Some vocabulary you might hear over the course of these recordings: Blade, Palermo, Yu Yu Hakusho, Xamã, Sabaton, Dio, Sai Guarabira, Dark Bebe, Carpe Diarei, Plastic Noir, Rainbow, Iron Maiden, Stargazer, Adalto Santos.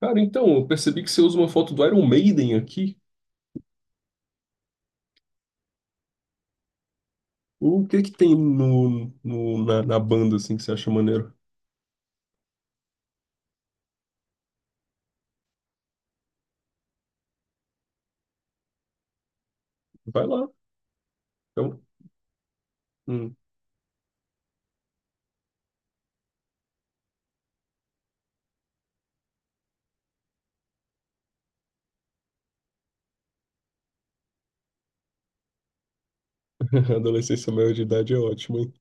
Cara, então, eu percebi que você usa uma foto do Iron Maiden aqui. O que que tem na banda, assim, que você acha maneiro? Vai lá. Então, hum. Adolescência maior de idade é ótimo, hein?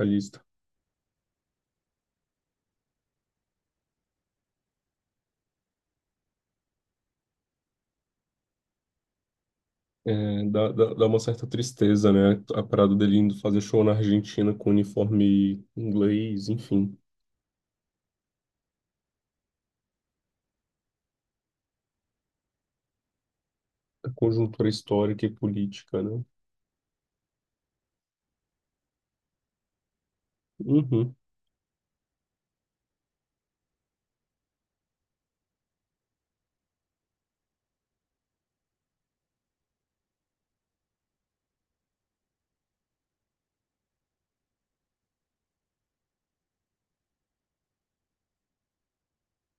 A lista. É, dá uma certa tristeza, né? A parada dele indo fazer show na Argentina com uniforme inglês, enfim. A conjuntura histórica e política, né? Uhum.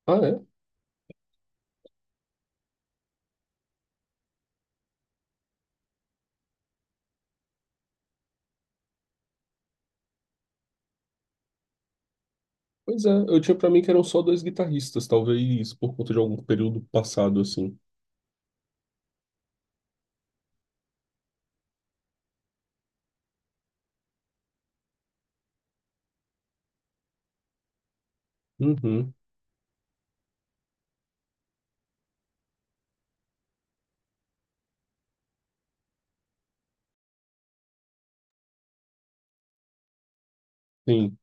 Ah, é? Pois é, eu tinha pra mim que eram só dois guitarristas, talvez por conta de algum período passado, assim. Uhum. Sim,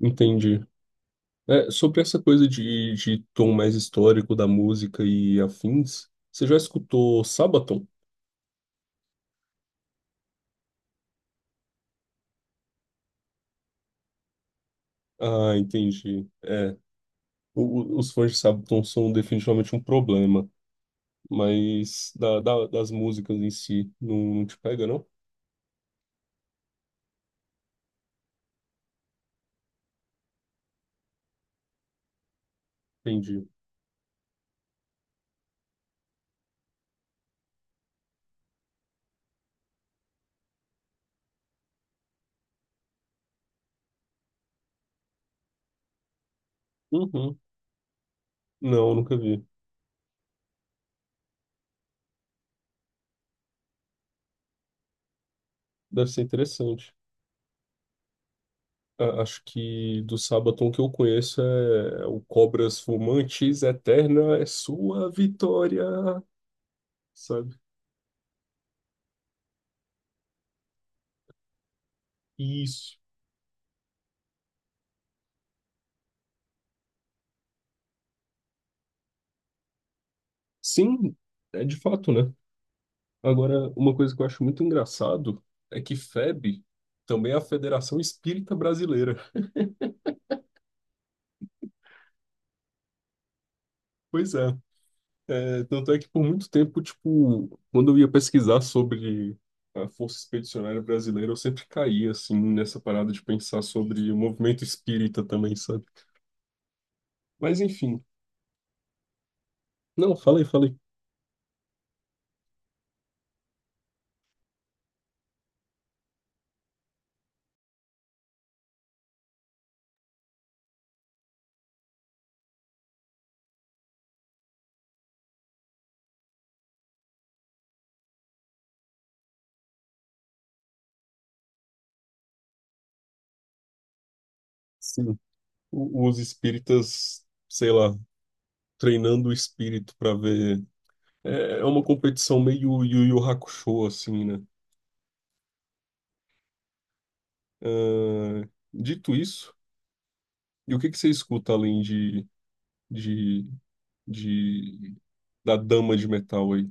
entendi. É, sobre essa coisa de tom mais histórico da música e afins, você já escutou Sabaton? Ah, entendi. É, os fãs de Sabaton são definitivamente um problema, mas das músicas em si não, não te pega, não? Entendi. Uhum. Não, nunca vi. Deve ser interessante. Acho que do Sabaton que eu conheço é o Cobras Fumantes, Eterna é sua vitória, sabe? Isso. Sim, é de fato, né? Agora, uma coisa que eu acho muito engraçado é que FEB também é a Federação Espírita Brasileira. Pois é. É, tanto é que por muito tempo, tipo, quando eu ia pesquisar sobre a Força Expedicionária Brasileira, eu sempre caía, assim, nessa parada de pensar sobre o movimento espírita também, sabe? Mas enfim. Não, falei, falei. Sim. Os espíritas, sei lá, treinando o espírito para ver. É uma competição meio Yu Yu Hakusho, assim, né? Ah, dito isso, e o que que você escuta além de, de da dama de metal aí?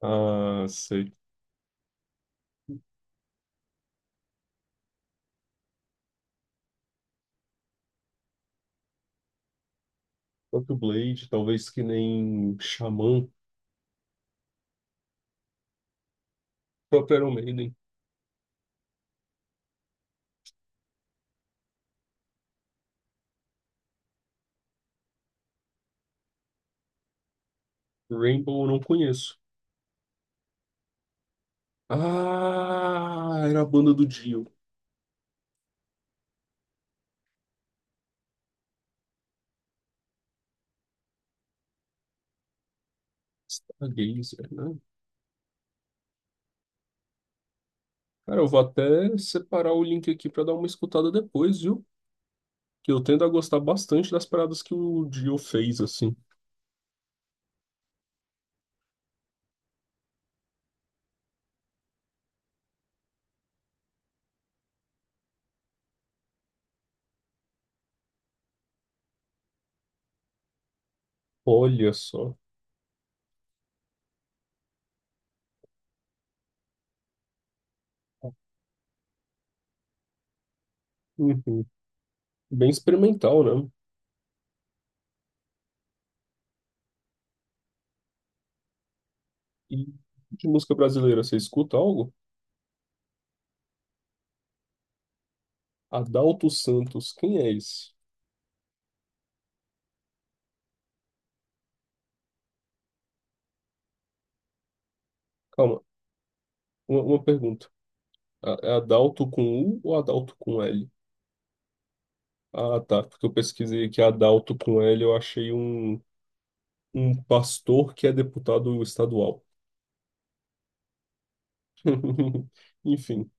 Ah, sei. Próprio Blade, talvez que nem Xamã, próprio Iron Maiden. Rainbow eu não conheço. Ah, era a banda do Dio. Stargazer, né? Cara, eu vou até separar o link aqui pra dar uma escutada depois, viu? Que eu tendo a gostar bastante das paradas que o Dio fez, assim. Olha só. Uhum. Bem experimental, né? E de música brasileira, você escuta algo? Adalto Santos, quem é esse? Calma, uma pergunta. A- É Adalto com U ou Adalto com L? Ah, tá, porque eu pesquisei aqui Adalto com L, eu achei um, pastor que é deputado estadual. Enfim.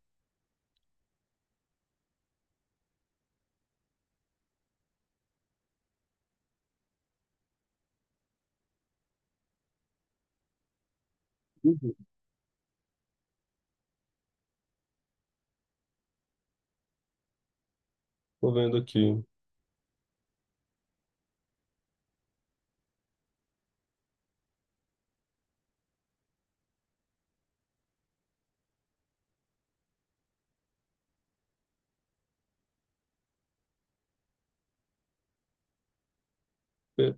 Uhum. Tô vendo aqui. É.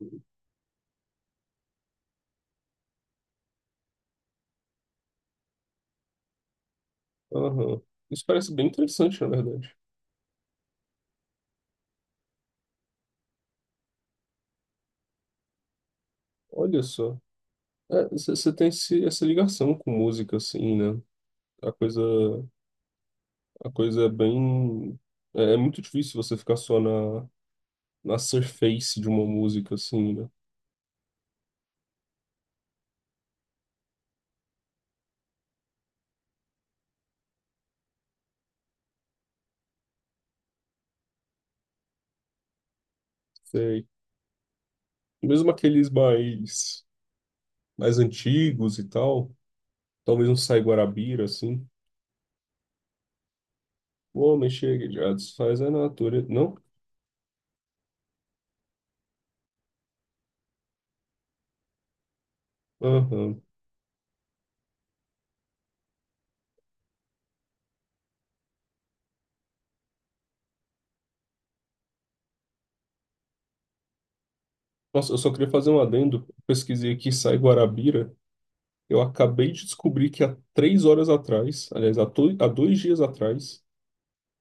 Aham. Isso parece bem interessante, na verdade. Olha só. É, você tem essa ligação com música, assim, né? A coisa. A coisa é bem. É, é muito difícil você ficar só na surface de uma música, assim, né? Sei. Mesmo aqueles mais antigos e tal, talvez um Sai Guarabira, assim. O homem chega e já desfaz a natureza. Não? Aham. Nossa, eu só queria fazer um adendo. Pesquisei aqui Sai Guarabira. Eu acabei de descobrir que há 3 horas atrás, aliás, há 2 dias atrás,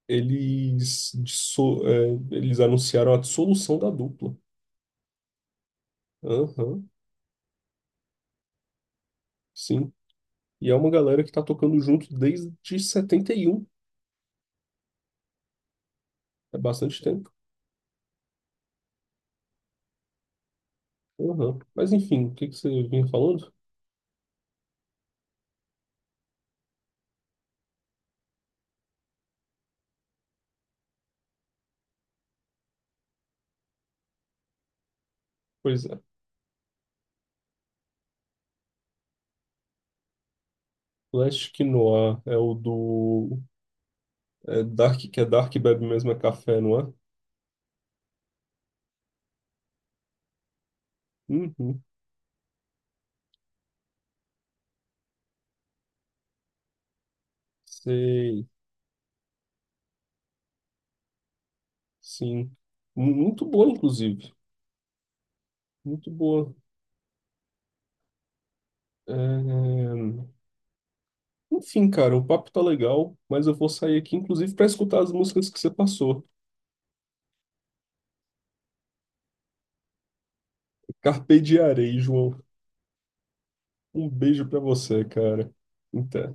eles anunciaram a dissolução da dupla. Aham. Sim. E é uma galera que tá tocando junto desde 71. É bastante tempo. Aham. Mas enfim, o que que você vinha falando? Pois é. Plastic Noir é o do. É Dark, que é Dark Bebe mesmo é café, não é? Uhum. Sei. Sim. Muito boa, inclusive. Muito boa. É, é, Enfim, cara, o papo tá legal, mas eu vou sair aqui, inclusive, pra escutar as músicas que você passou. Carpe Diarei, João. Um beijo pra você, cara. Até.